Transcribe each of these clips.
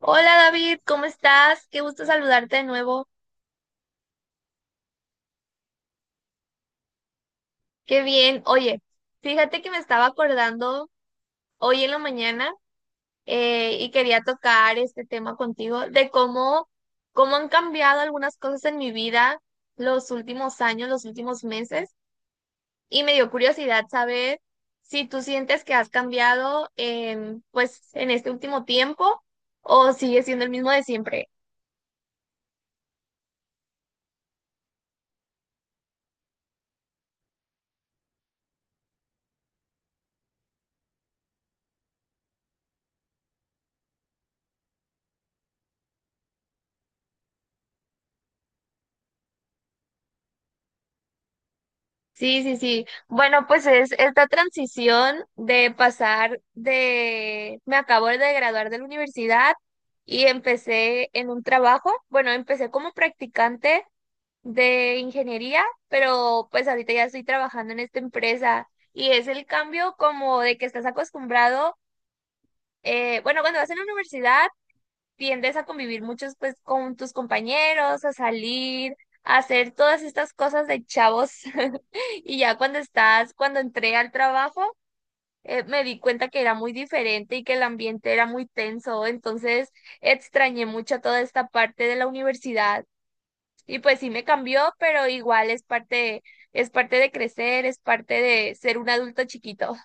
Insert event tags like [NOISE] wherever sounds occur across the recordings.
Hola David, ¿cómo estás? Qué gusto saludarte de nuevo. Qué bien. Oye, fíjate que me estaba acordando hoy en la mañana y quería tocar este tema contigo de cómo han cambiado algunas cosas en mi vida los últimos años, los últimos meses. Y me dio curiosidad saber si tú sientes que has cambiado en, pues, en este último tiempo o sigues siendo el mismo de siempre. Sí, sí, sí. Bueno, pues es esta transición de pasar de, me acabo de graduar de la universidad y empecé en un trabajo. Bueno, empecé como practicante de ingeniería, pero pues ahorita ya estoy trabajando en esta empresa y es el cambio como de que estás acostumbrado, bueno, cuando vas en la universidad tiendes a convivir muchos pues con tus compañeros, a salir, a hacer todas estas cosas de chavos. [LAUGHS] Y ya cuando estás, cuando entré al trabajo, me di cuenta que era muy diferente y que el ambiente era muy tenso, entonces extrañé mucho toda esta parte de la universidad. Y pues sí me cambió, pero igual es parte de crecer, es parte de ser un adulto chiquito.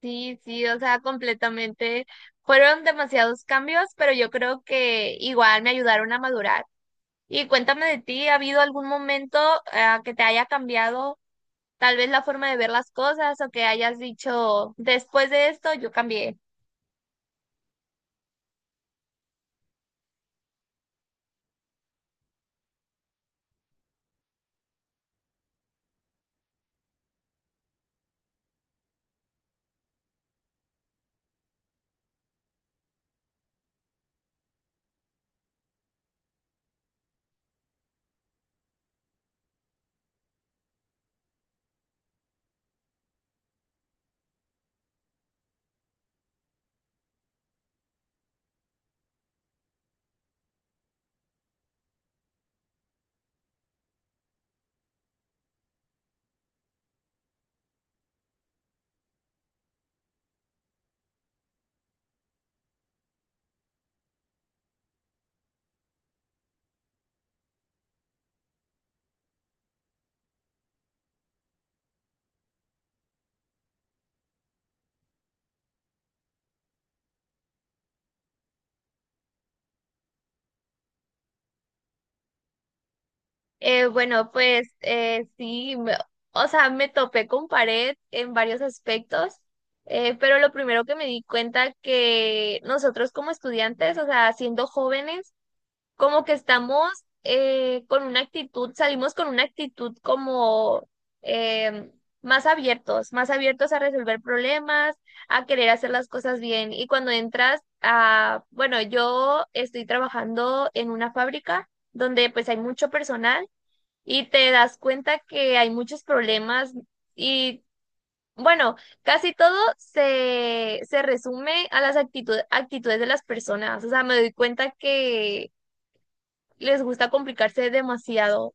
Sí, sí, o sea, completamente. Fueron demasiados cambios, pero yo creo que igual me ayudaron a madurar. Y cuéntame de ti, ¿ha habido algún momento, que te haya cambiado? Tal vez la forma de ver las cosas o que hayas dicho después de esto, yo cambié. Bueno, pues sí, o sea, me topé con pared en varios aspectos, pero lo primero que me di cuenta que nosotros como estudiantes, o sea, siendo jóvenes, como que estamos con una actitud, salimos con una actitud como eh, más abiertos a resolver problemas, a querer hacer las cosas bien. Y cuando entras a, bueno, yo estoy trabajando en una fábrica donde pues hay mucho personal y te das cuenta que hay muchos problemas y bueno, casi todo se resume a las actitudes de las personas. O sea, me doy cuenta que les gusta complicarse demasiado.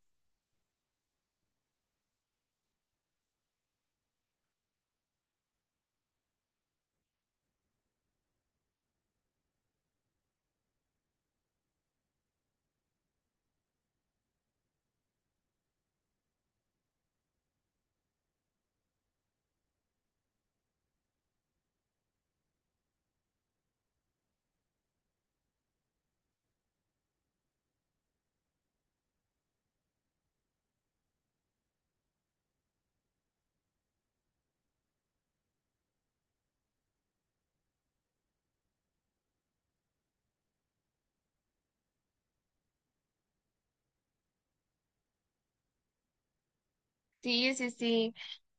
Sí, sí, sí.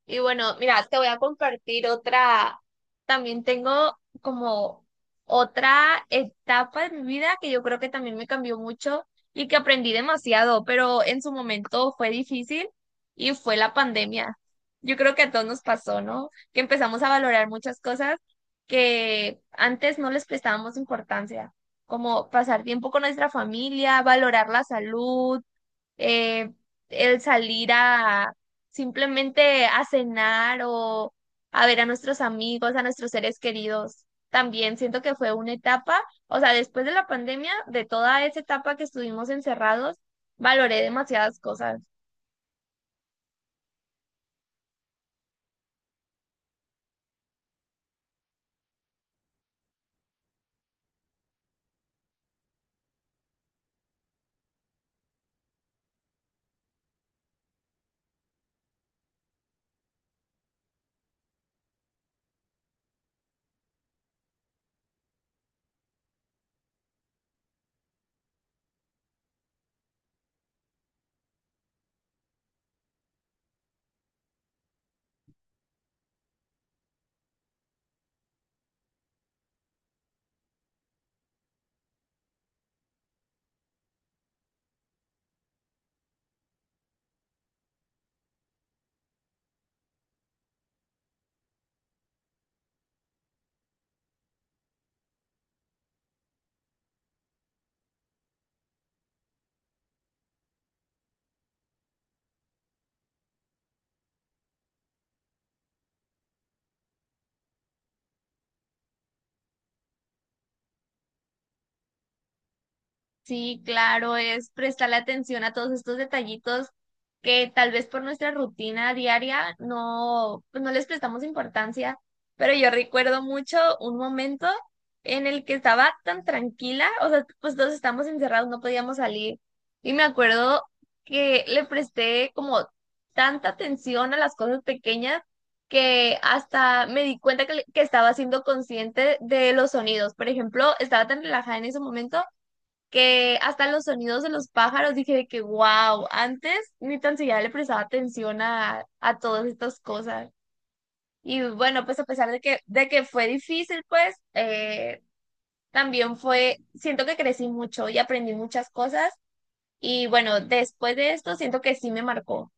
Y bueno, mira, te voy a compartir otra. También tengo como otra etapa de mi vida que yo creo que también me cambió mucho y que aprendí demasiado, pero en su momento fue difícil y fue la pandemia. Yo creo que a todos nos pasó, ¿no? Que empezamos a valorar muchas cosas que antes no les prestábamos importancia, como pasar tiempo con nuestra familia, valorar la salud eh, el salir a simplemente a cenar o a ver a nuestros amigos, a nuestros seres queridos. También siento que fue una etapa, o sea, después de la pandemia, de toda esa etapa que estuvimos encerrados, valoré demasiadas cosas. Sí, claro, es prestarle atención a todos estos detallitos que tal vez por nuestra rutina diaria no, pues no les prestamos importancia, pero yo recuerdo mucho un momento en el que estaba tan tranquila, o sea, pues todos estábamos encerrados, no podíamos salir, y me acuerdo que le presté como tanta atención a las cosas pequeñas que hasta me di cuenta que estaba siendo consciente de los sonidos. Por ejemplo, estaba tan relajada en ese momento que hasta los sonidos de los pájaros dije de que wow, antes ni tan siquiera le prestaba atención a todas estas cosas. Y bueno, pues a pesar de de que fue difícil, pues también fue, siento que crecí mucho y aprendí muchas cosas. Y bueno, después de esto siento que sí me marcó.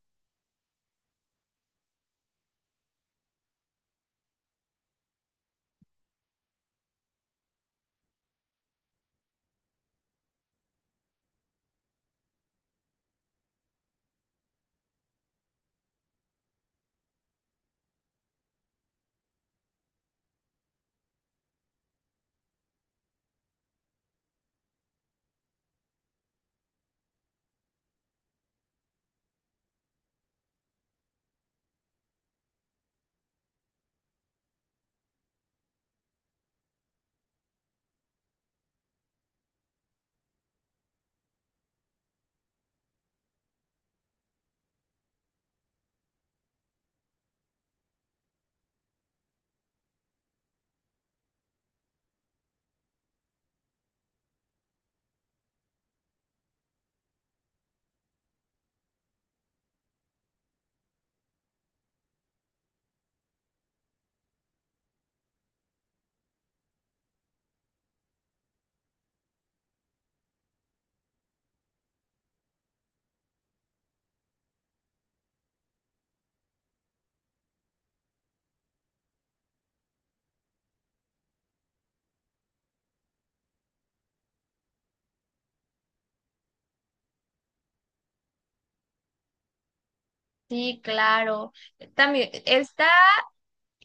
Sí, claro. También está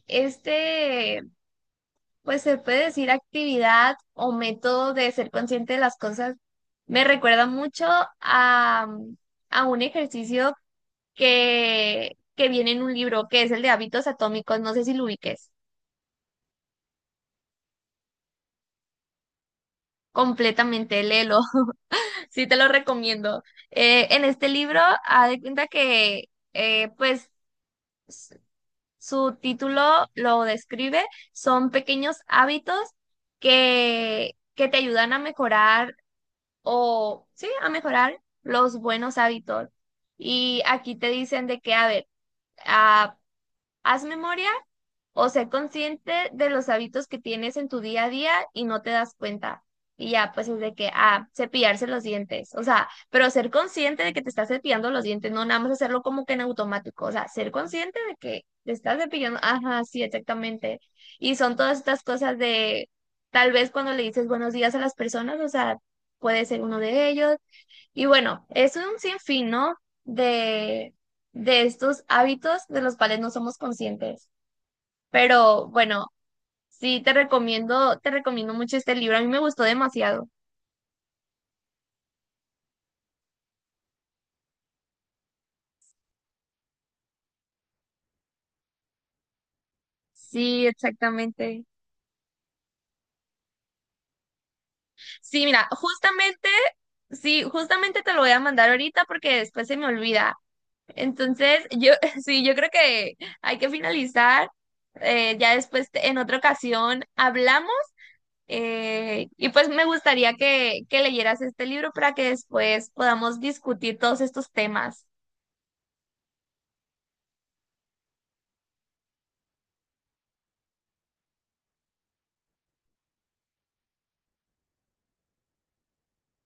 este, pues se puede decir actividad o método de ser consciente de las cosas. Me recuerda mucho a, a un ejercicio que viene en un libro, que es el de hábitos atómicos. No sé si lo ubiques completamente, léelo. [LAUGHS] Sí te lo recomiendo. En este libro, haz de cuenta que, pues, su título lo describe. Son pequeños hábitos que te ayudan a mejorar o sí, a mejorar los buenos hábitos. Y aquí te dicen de que, a ver, ah, haz memoria o sé consciente de los hábitos que tienes en tu día a día y no te das cuenta. Y ya, pues es de que, ah, cepillarse los dientes. O sea, pero ser consciente de que te estás cepillando los dientes, no nada más hacerlo como que en automático. O sea, ser consciente de que te estás cepillando. Ajá, sí, exactamente. Y son todas estas cosas de, tal vez cuando le dices buenos días a las personas, o sea, puede ser uno de ellos, y bueno, es un sinfín, ¿no? De, de estos hábitos de los cuales no somos conscientes. Pero bueno, sí te recomiendo mucho este libro. A mí me gustó demasiado. Sí, exactamente. Sí, mira, justamente, sí, justamente te lo voy a mandar ahorita porque después se me olvida. Entonces, yo, [LAUGHS] sí, yo creo que hay que finalizar. Ya después, en otra ocasión, hablamos. Y pues me gustaría que leyeras este libro para que después podamos discutir todos estos temas.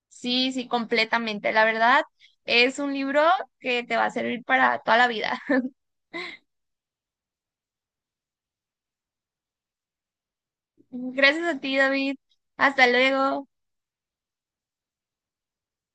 Sí, sí, completamente. La verdad, es un libro que te va a servir para toda la vida. [LAUGHS] Gracias a ti, David. Hasta luego.